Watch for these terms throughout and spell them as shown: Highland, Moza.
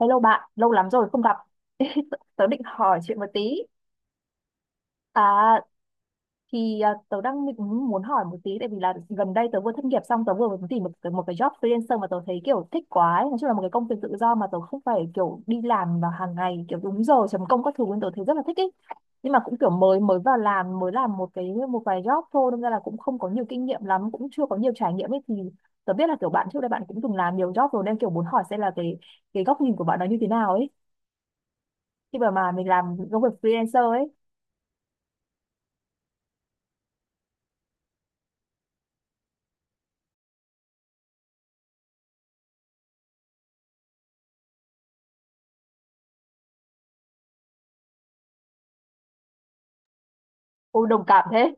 Hello bạn, lâu lắm rồi không gặp. Tớ định hỏi chuyện một tí. À tớ đang định muốn hỏi một tí tại vì là gần đây tớ vừa thất nghiệp xong tớ vừa mới tìm một cái job freelancer mà tớ thấy kiểu thích quá ấy. Nói chung là một cái công việc tự do mà tớ không phải kiểu đi làm vào hàng ngày kiểu đúng giờ chấm công các thứ nên tớ thấy rất là thích ấy. Nhưng mà cũng kiểu mới mới vào làm mới làm một vài job thôi nên là cũng không có nhiều kinh nghiệm lắm, cũng chưa có nhiều trải nghiệm ấy thì tớ biết là kiểu bạn trước đây bạn cũng từng làm nhiều job rồi nên kiểu muốn hỏi xem là cái góc nhìn của bạn nó như thế nào ấy. Khi mà mình làm công việc freelancer ấy. Ôi đồng cảm thế.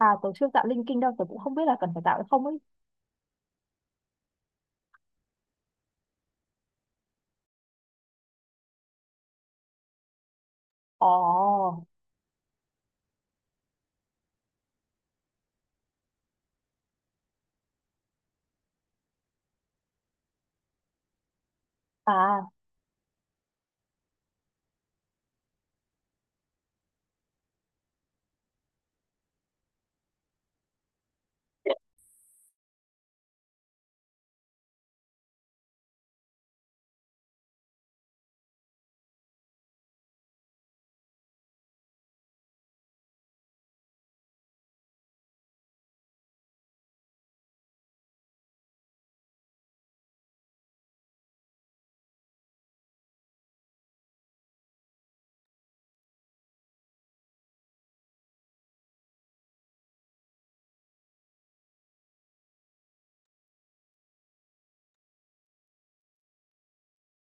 À tớ chưa tạo linking đâu tớ cũng không biết là cần phải tạo hay không ấy. Ồ. À.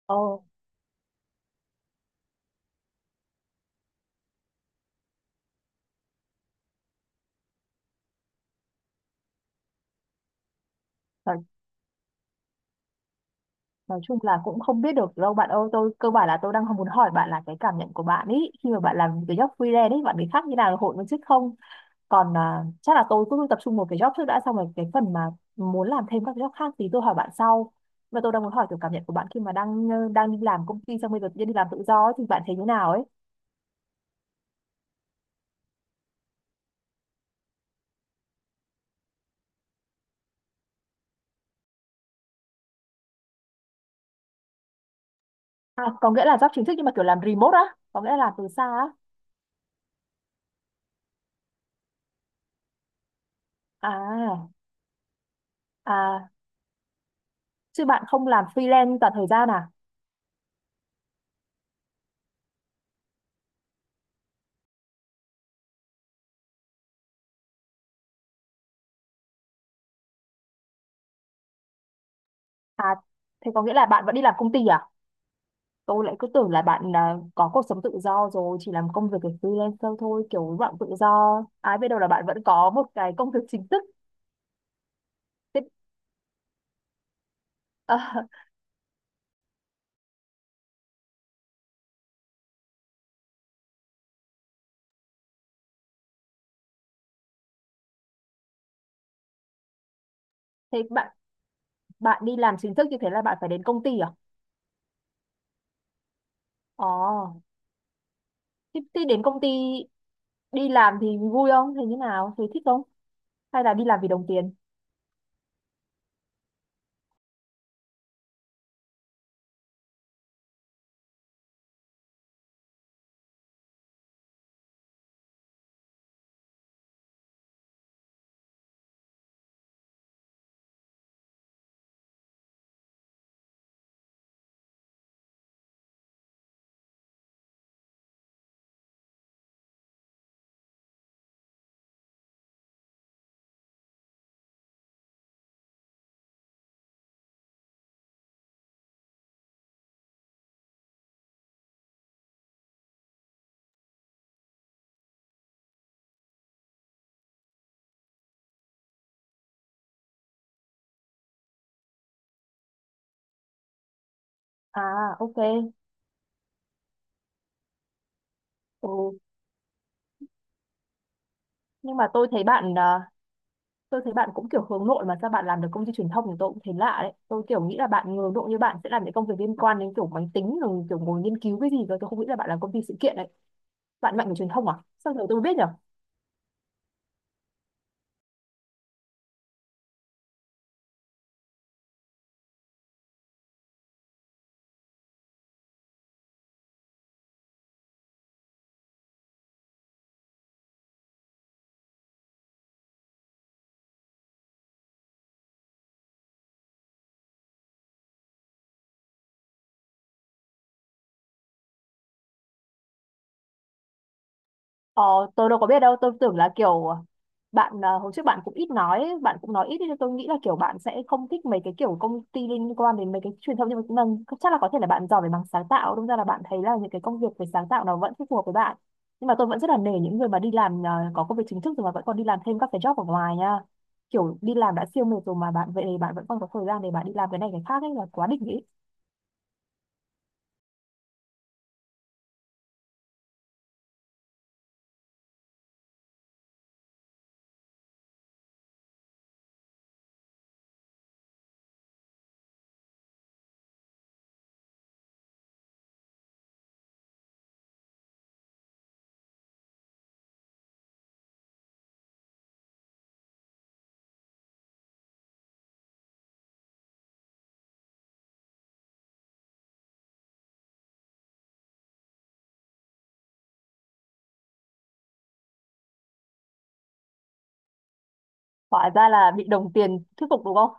Ồ. nói, nói chung là cũng không biết được đâu bạn ơi, tôi cơ bản là tôi đang không muốn hỏi bạn là cái cảm nhận của bạn ấy khi mà bạn làm cái job freelance ấy bạn bị khác như nào hội viên chức không. Còn à, chắc là tôi cứ tập trung một cái job trước đã xong rồi cái phần mà muốn làm thêm các job khác thì tôi hỏi bạn sau. Và tôi đang muốn hỏi kiểu cảm nhận của bạn khi mà đang đang đi làm công ty xong bây giờ tự nhiên đi làm tự do ấy, thì bạn thấy như nào ấy. À, có nghĩa là job chính thức nhưng mà kiểu làm remote á, có nghĩa là làm từ xa á. À, à, Chứ bạn không làm freelance toàn thời gian à? À, thế có nghĩa là bạn vẫn đi làm công ty à? Tôi lại cứ tưởng là bạn à, có cuộc sống tự do rồi, chỉ làm công việc của freelancer thôi, kiểu bạn tự do. Ai biết đâu là bạn vẫn có một cái công việc chính thức. Thế, ờ, thế bạn bạn đi làm chính thức như thế là bạn phải đến công ty à? Ồ, thế đến công ty đi làm thì vui không? Thế như nào? Thế thích không? Hay là đi làm vì đồng tiền? À, ok. Ừ. Nhưng mà tôi thấy bạn cũng kiểu hướng nội mà sao bạn làm được công ty truyền thông thì tôi cũng thấy lạ đấy, tôi kiểu nghĩ là bạn hướng nội như bạn sẽ làm những công việc liên quan đến kiểu máy tính rồi kiểu ngồi nghiên cứu cái gì cơ, tôi không nghĩ là bạn làm công ty sự kiện đấy. Bạn mạnh về truyền thông à, sao giờ tôi mới biết nhỉ. Ờ, tôi đâu có biết đâu, tôi tưởng là kiểu bạn à, hồi trước bạn cũng ít nói, ấy, bạn cũng nói ít ấy, nên tôi nghĩ là kiểu bạn sẽ không thích mấy cái kiểu công ty liên quan đến mấy cái truyền thông, nhưng mà cũng là, chắc là có thể là bạn giỏi về mảng sáng tạo, đâm ra là bạn thấy là những cái công việc về sáng tạo nó vẫn phù hợp với bạn. Nhưng mà tôi vẫn rất là nể những người mà đi làm à, có công việc chính thức rồi mà vẫn còn đi làm thêm các cái job ở ngoài nha. Kiểu đi làm đã siêu mệt rồi mà bạn vậy thì bạn vẫn còn có thời gian để bạn đi làm cái này cái khác ấy là quá đỉnh ấy. Hóa ra là bị đồng tiền thuyết phục đúng không?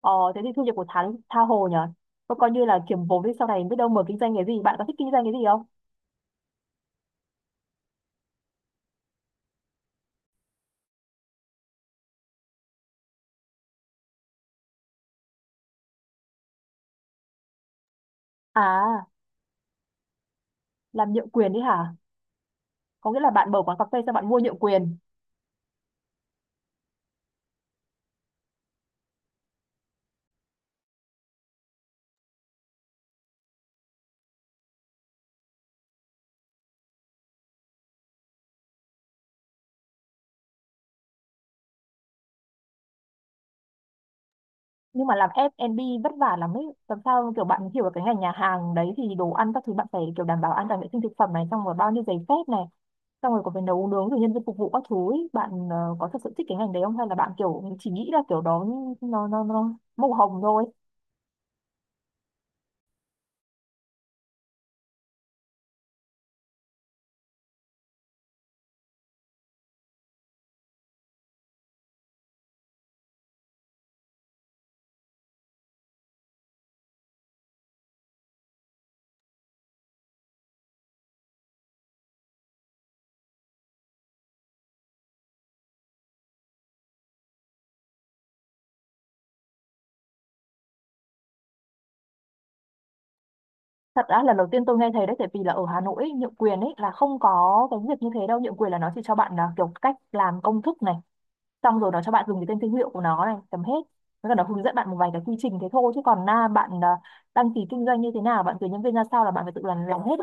Ờ, thế thì thu nhập của tháng tha hồ nhở. Có coi như là kiếm vốn đi sau này biết đâu mở kinh doanh cái gì. Bạn có thích kinh doanh cái gì không? À, làm nhượng quyền đi hả? Có nghĩa là bạn mở quán cà phê xong bạn mua nhượng quyền. Nhưng mà làm F&B vất vả lắm ấy. Làm sao kiểu bạn hiểu được cái ngành nhà hàng đấy thì đồ ăn các thứ bạn phải kiểu đảm bảo an toàn vệ sinh thực phẩm này. Xong rồi bao nhiêu giấy phép này. Xong rồi còn phải nấu nướng rồi nhân viên phục vụ các thứ ấy. Bạn ờ, có thật sự thích cái ngành đấy không? Hay là bạn kiểu chỉ nghĩ là kiểu đó nó màu hồng thôi? Thật ra lần đầu tiên tôi nghe thấy đấy, tại vì là ở Hà Nội ấy, nhượng quyền ấy là không có cái việc như thế đâu, nhượng quyền là nó chỉ cho bạn là kiểu cách làm công thức này xong rồi nó cho bạn dùng cái tên thương hiệu của nó này tầm hết, với cả nó hướng dẫn bạn một vài cái quy trình thế thôi, chứ còn na bạn à, đăng ký kinh doanh như thế nào bạn tuyển nhân viên ra sao là bạn phải tự làm hết.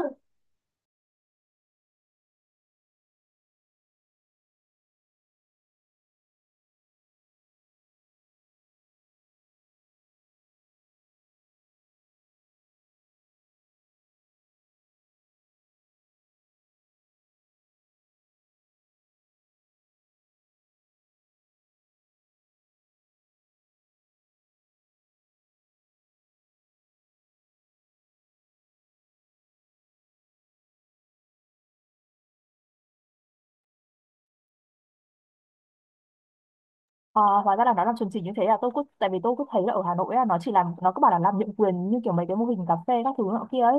À, hóa ra là nó làm chuẩn chỉnh như thế, là tôi cứ tại vì tôi cứ thấy là ở Hà Nội ấy, nó chỉ làm nó cứ bảo là làm nhượng quyền như kiểu mấy cái mô hình cà phê các thứ nọ kia ấy,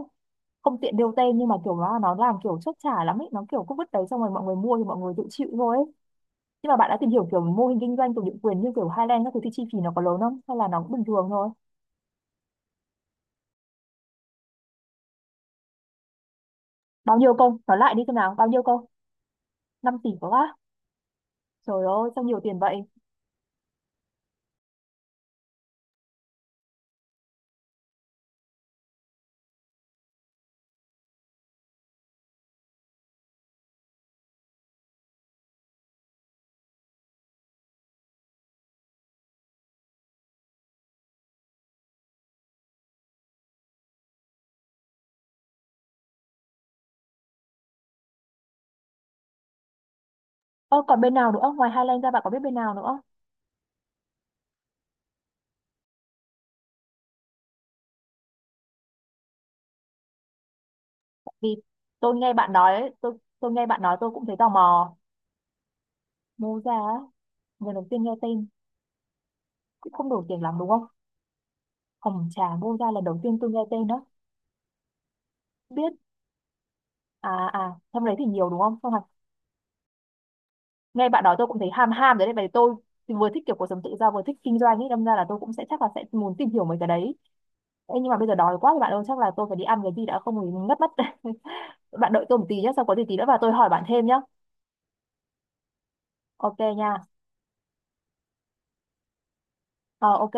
không tiện nêu tên nhưng mà kiểu nó làm kiểu chốt trả lắm ấy, nó kiểu cứ vứt đấy xong rồi mọi người mua thì mọi người tự chịu thôi ấy. Nhưng mà bạn đã tìm hiểu kiểu mô hình kinh doanh thuộc địa quyền như kiểu Highland các thứ thì chi phí nó có lớn không? Hay là nó cũng bình thường thôi? Bao nhiêu công? Nói lại đi xem nào, bao nhiêu công? 5 tỷ có quá. Trời ơi, sao nhiều tiền vậy? Ơ còn bên nào nữa? Ngoài Highland ra bạn có biết bên nào nữa? Vì tôi nghe bạn nói tôi cũng thấy tò mò. Moza, á, lần đầu tiên nghe tên, cũng không nổi tiền lắm đúng không? Hồng trà Moza lần đầu tiên tôi nghe tên đó. Biết à à, trong đấy thì nhiều đúng không? Xong nghe bạn đó tôi cũng thấy ham ham đấy, vậy tôi thì vừa thích kiểu cuộc sống tự do vừa thích kinh doanh ấy, đâm ra là tôi cũng sẽ chắc là sẽ muốn tìm hiểu mấy cái đấy. Ê, nhưng mà bây giờ đói quá thì bạn ơi chắc là tôi phải đi ăn cái gì đã không thì ngất mất. Bạn đợi tôi một tí nhé, sau có gì tí nữa và tôi hỏi bạn thêm nhé. Ok nha. Ờ ok.